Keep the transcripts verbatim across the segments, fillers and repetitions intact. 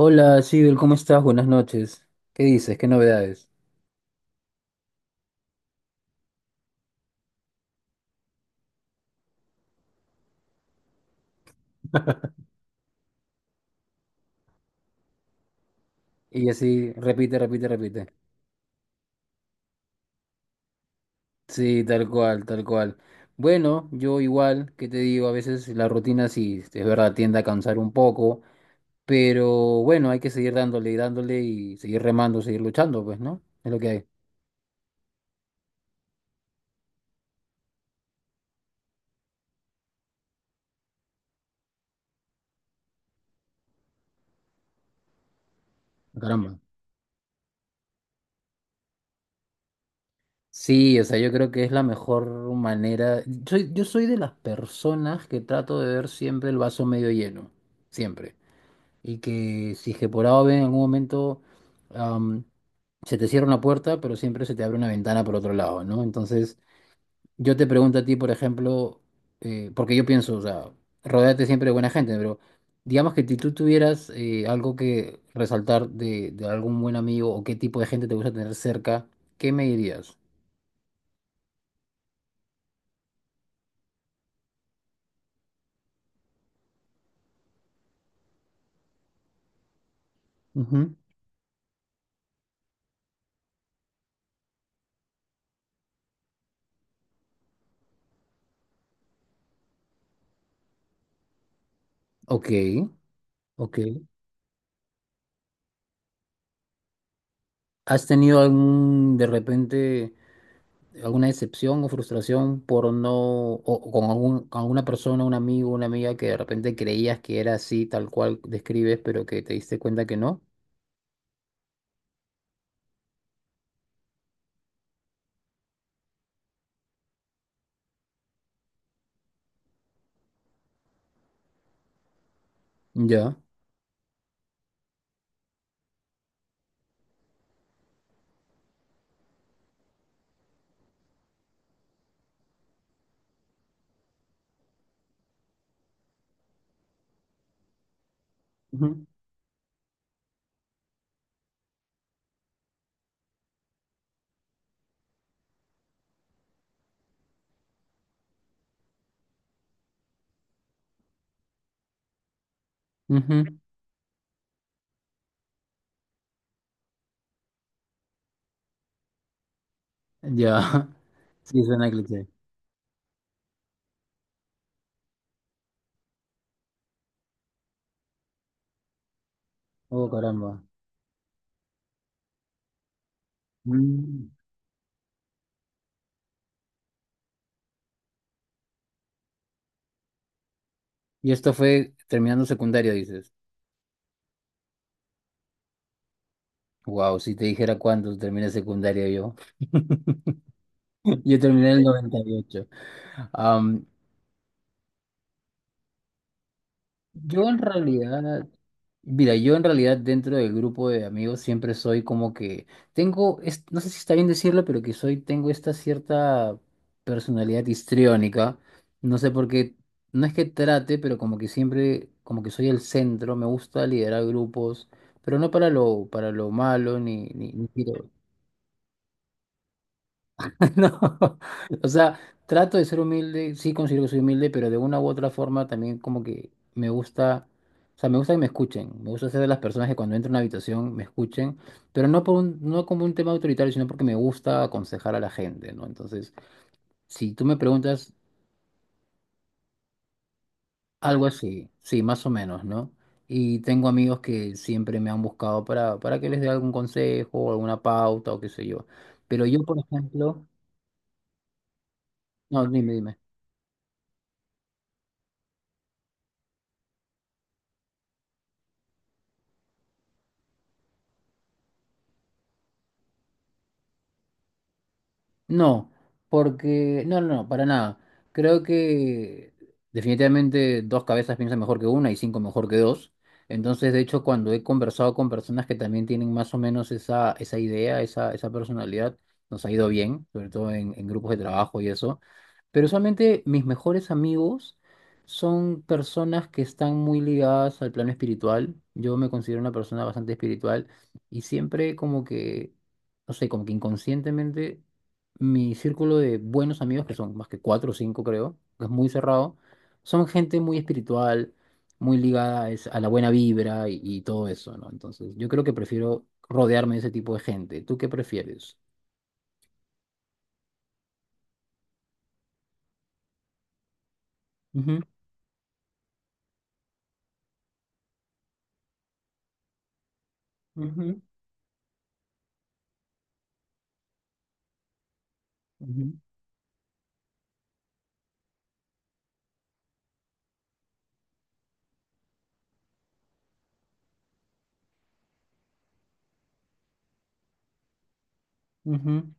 Hola, Sigel, ¿cómo estás? Buenas noches. ¿Qué dices? ¿Qué novedades? Y así, repite, repite, repite. Sí, tal cual, tal cual. Bueno, yo igual, ¿qué te digo? A veces la rutina sí, es verdad, tiende a cansar un poco, pero bueno, hay que seguir dándole y dándole y seguir remando, seguir luchando, pues, ¿no? Es lo que hay. Caramba. Sí, o sea, yo creo que es la mejor manera. Soy- yo soy de las personas que trato de ver siempre el vaso medio lleno, siempre, y que si es que por A o B en algún momento am, se te cierra una puerta, pero siempre se te abre una ventana por otro lado, ¿no? Entonces, yo te pregunto a ti, por ejemplo, eh, porque yo pienso, o sea, rodéate siempre de buena gente, pero digamos que si tú tuvieras eh, algo que resaltar de, de algún buen amigo o qué tipo de gente te gusta tener cerca, ¿qué me dirías? Ujú. Ok, ok. ¿Has tenido algún, de repente, alguna decepción o frustración por no, o con algún, con alguna persona, un amigo, una amiga que de repente creías que era así, tal cual describes, pero que te diste cuenta que no? Ya. Ujú, ujú. Ya. Sí, suena cliché. Oh, caramba. Mm. Y esto fue terminando secundaria dices. Wow, si te dijera cuándo terminé secundaria yo. Yo terminé en el noventa y ocho. Am, Yo en realidad, mira, yo en realidad dentro del grupo de amigos siempre soy como que tengo, es- no sé si está bien decirlo, pero que soy, tengo esta cierta personalidad histriónica. No sé por qué, no es que trate, pero como que siempre, como que soy el centro, me gusta liderar grupos, pero no para lo, para lo malo, ni, ni, ni quiero- no, o sea, trato de ser humilde, sí considero que soy humilde, pero de una u otra forma también como que me gusta, o sea, me gusta que me escuchen, me gusta ser de las personas que cuando entro a una habitación me escuchen, pero no por un, no como un tema autoritario, sino porque me gusta aconsejar a la gente, ¿no? Entonces, si tú me preguntas algo así, sí, más o menos, ¿no? Y tengo amigos que siempre me han buscado para, para que les dé algún consejo, alguna pauta o qué sé yo. Pero yo, por ejemplo, no, dime, dime. No, porque no, no, no, para nada. Creo que definitivamente dos cabezas piensan mejor que una y cinco mejor que dos. Entonces, de hecho, cuando he conversado con personas que también tienen más o menos esa, esa idea, esa, esa personalidad, nos ha ido bien, sobre todo en, en grupos de trabajo y eso. Pero usualmente mis mejores amigos son personas que están muy ligadas al plano espiritual. Yo me considero una persona bastante espiritual y siempre como que, no sé, como que inconscientemente mi círculo de buenos amigos, que son más que cuatro o cinco, creo, que es muy cerrado, son gente muy espiritual, muy ligada es- a la buena vibra y, y todo eso, ¿no? Entonces, yo creo que prefiero rodearme de ese tipo de gente. ¿Tú qué prefieres? Ujú, ujú, ujú, ujú.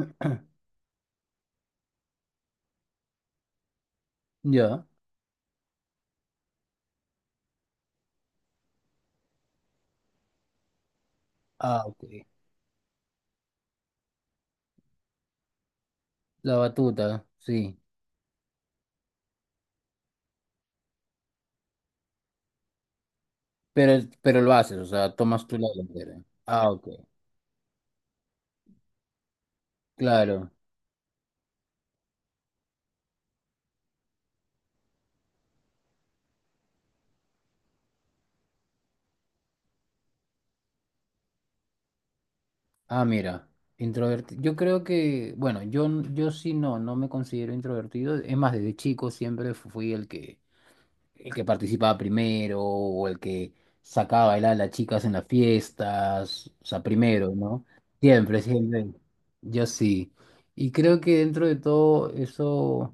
Ya. Ah, ok. La batuta, sí. Pero, pero lo haces, o sea, tomas tú la delantera. Ah, ok. Claro. Ah, mira, introvertido. Yo creo que, bueno, yo, n- yo sí no, no me considero introvertido. Es más, desde chico siempre fu- fui el que el que participaba primero o el que sacaba a bailar a las chicas en las fiestas, o sea, primero, ¿no? Siempre, siempre. Yo sí. Y creo que dentro de todo eso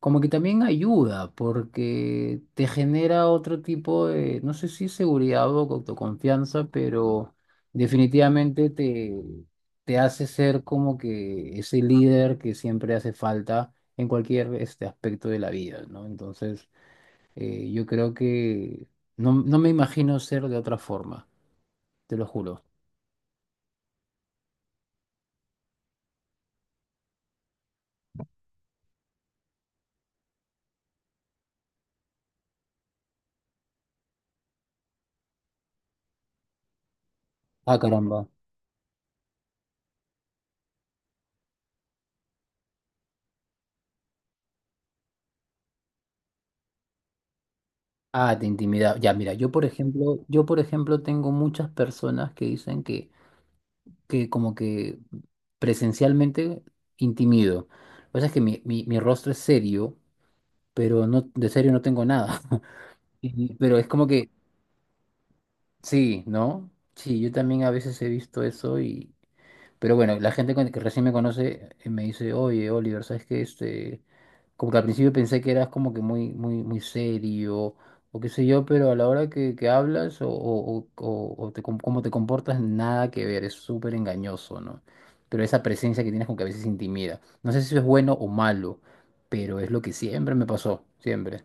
como que también ayuda porque te genera otro tipo de, no sé si seguridad o autoconfianza, pero definitivamente te, te hace ser como que ese líder que siempre hace falta en cualquier este aspecto de la vida, ¿no? Entonces... Eh, yo creo que no, no me imagino ser de otra forma, te lo juro. Ah, caramba. Ah, te intimida. Ya, mira, yo por ejemplo, yo por ejemplo tengo muchas personas que dicen que, que como que presencialmente intimido. Lo que pasa es que mi, mi, mi rostro es serio, pero no, de serio no tengo nada. Y- Pero es como que, sí, ¿no? Sí, yo también a veces he visto eso. Pero bueno, la gente con- que recién me conoce eh, me dice, oye, Oliver, ¿sabes qué? Este, como que al principio pensé que eras como que muy, muy, muy serio o qué sé yo, pero a la hora que, que hablas o, o, o- o te com- cómo te comportas, nada que ver, es súper engañoso, ¿no? Pero esa presencia que tienes como que a veces intimida. No sé si eso es bueno o malo, pero es lo que siempre me pasó, siempre.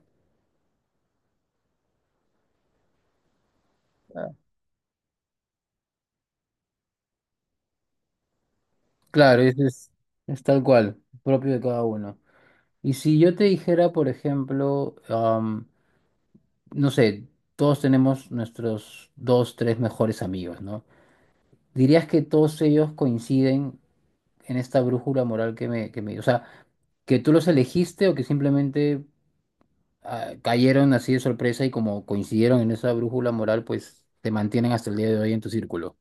Ah, claro, eso es, es tal cual, propio de cada uno. Y si yo te dijera, por ejemplo, no sé, todos tenemos nuestros dos, tres mejores amigos, ¿no? ¿Dirías que todos ellos coinciden en esta brújula moral que me, que me, o sea, que tú los elegiste o que simplemente ah, cayeron así de sorpresa y como coincidieron en esa brújula moral, pues te mantienen hasta el día de hoy en tu círculo?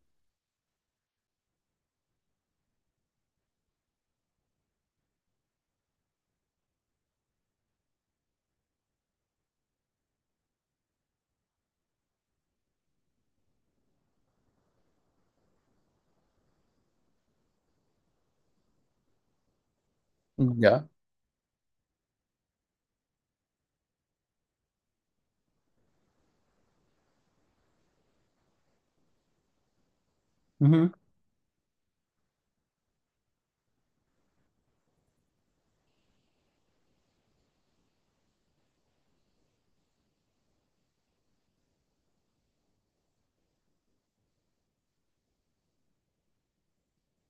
Ya. Ujú.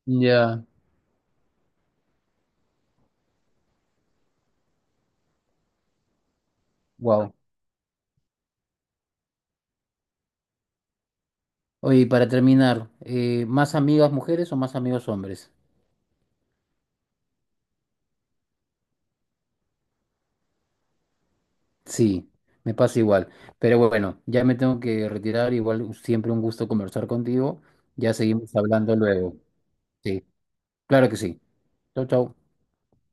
Ya. Wow. Oye, y para terminar, eh, ¿más amigas mujeres o más amigos hombres? Sí, me pasa igual. Pero bueno, ya me tengo que retirar. Igual siempre un gusto conversar contigo. Ya seguimos hablando luego. Sí, claro que sí. Chau, chau.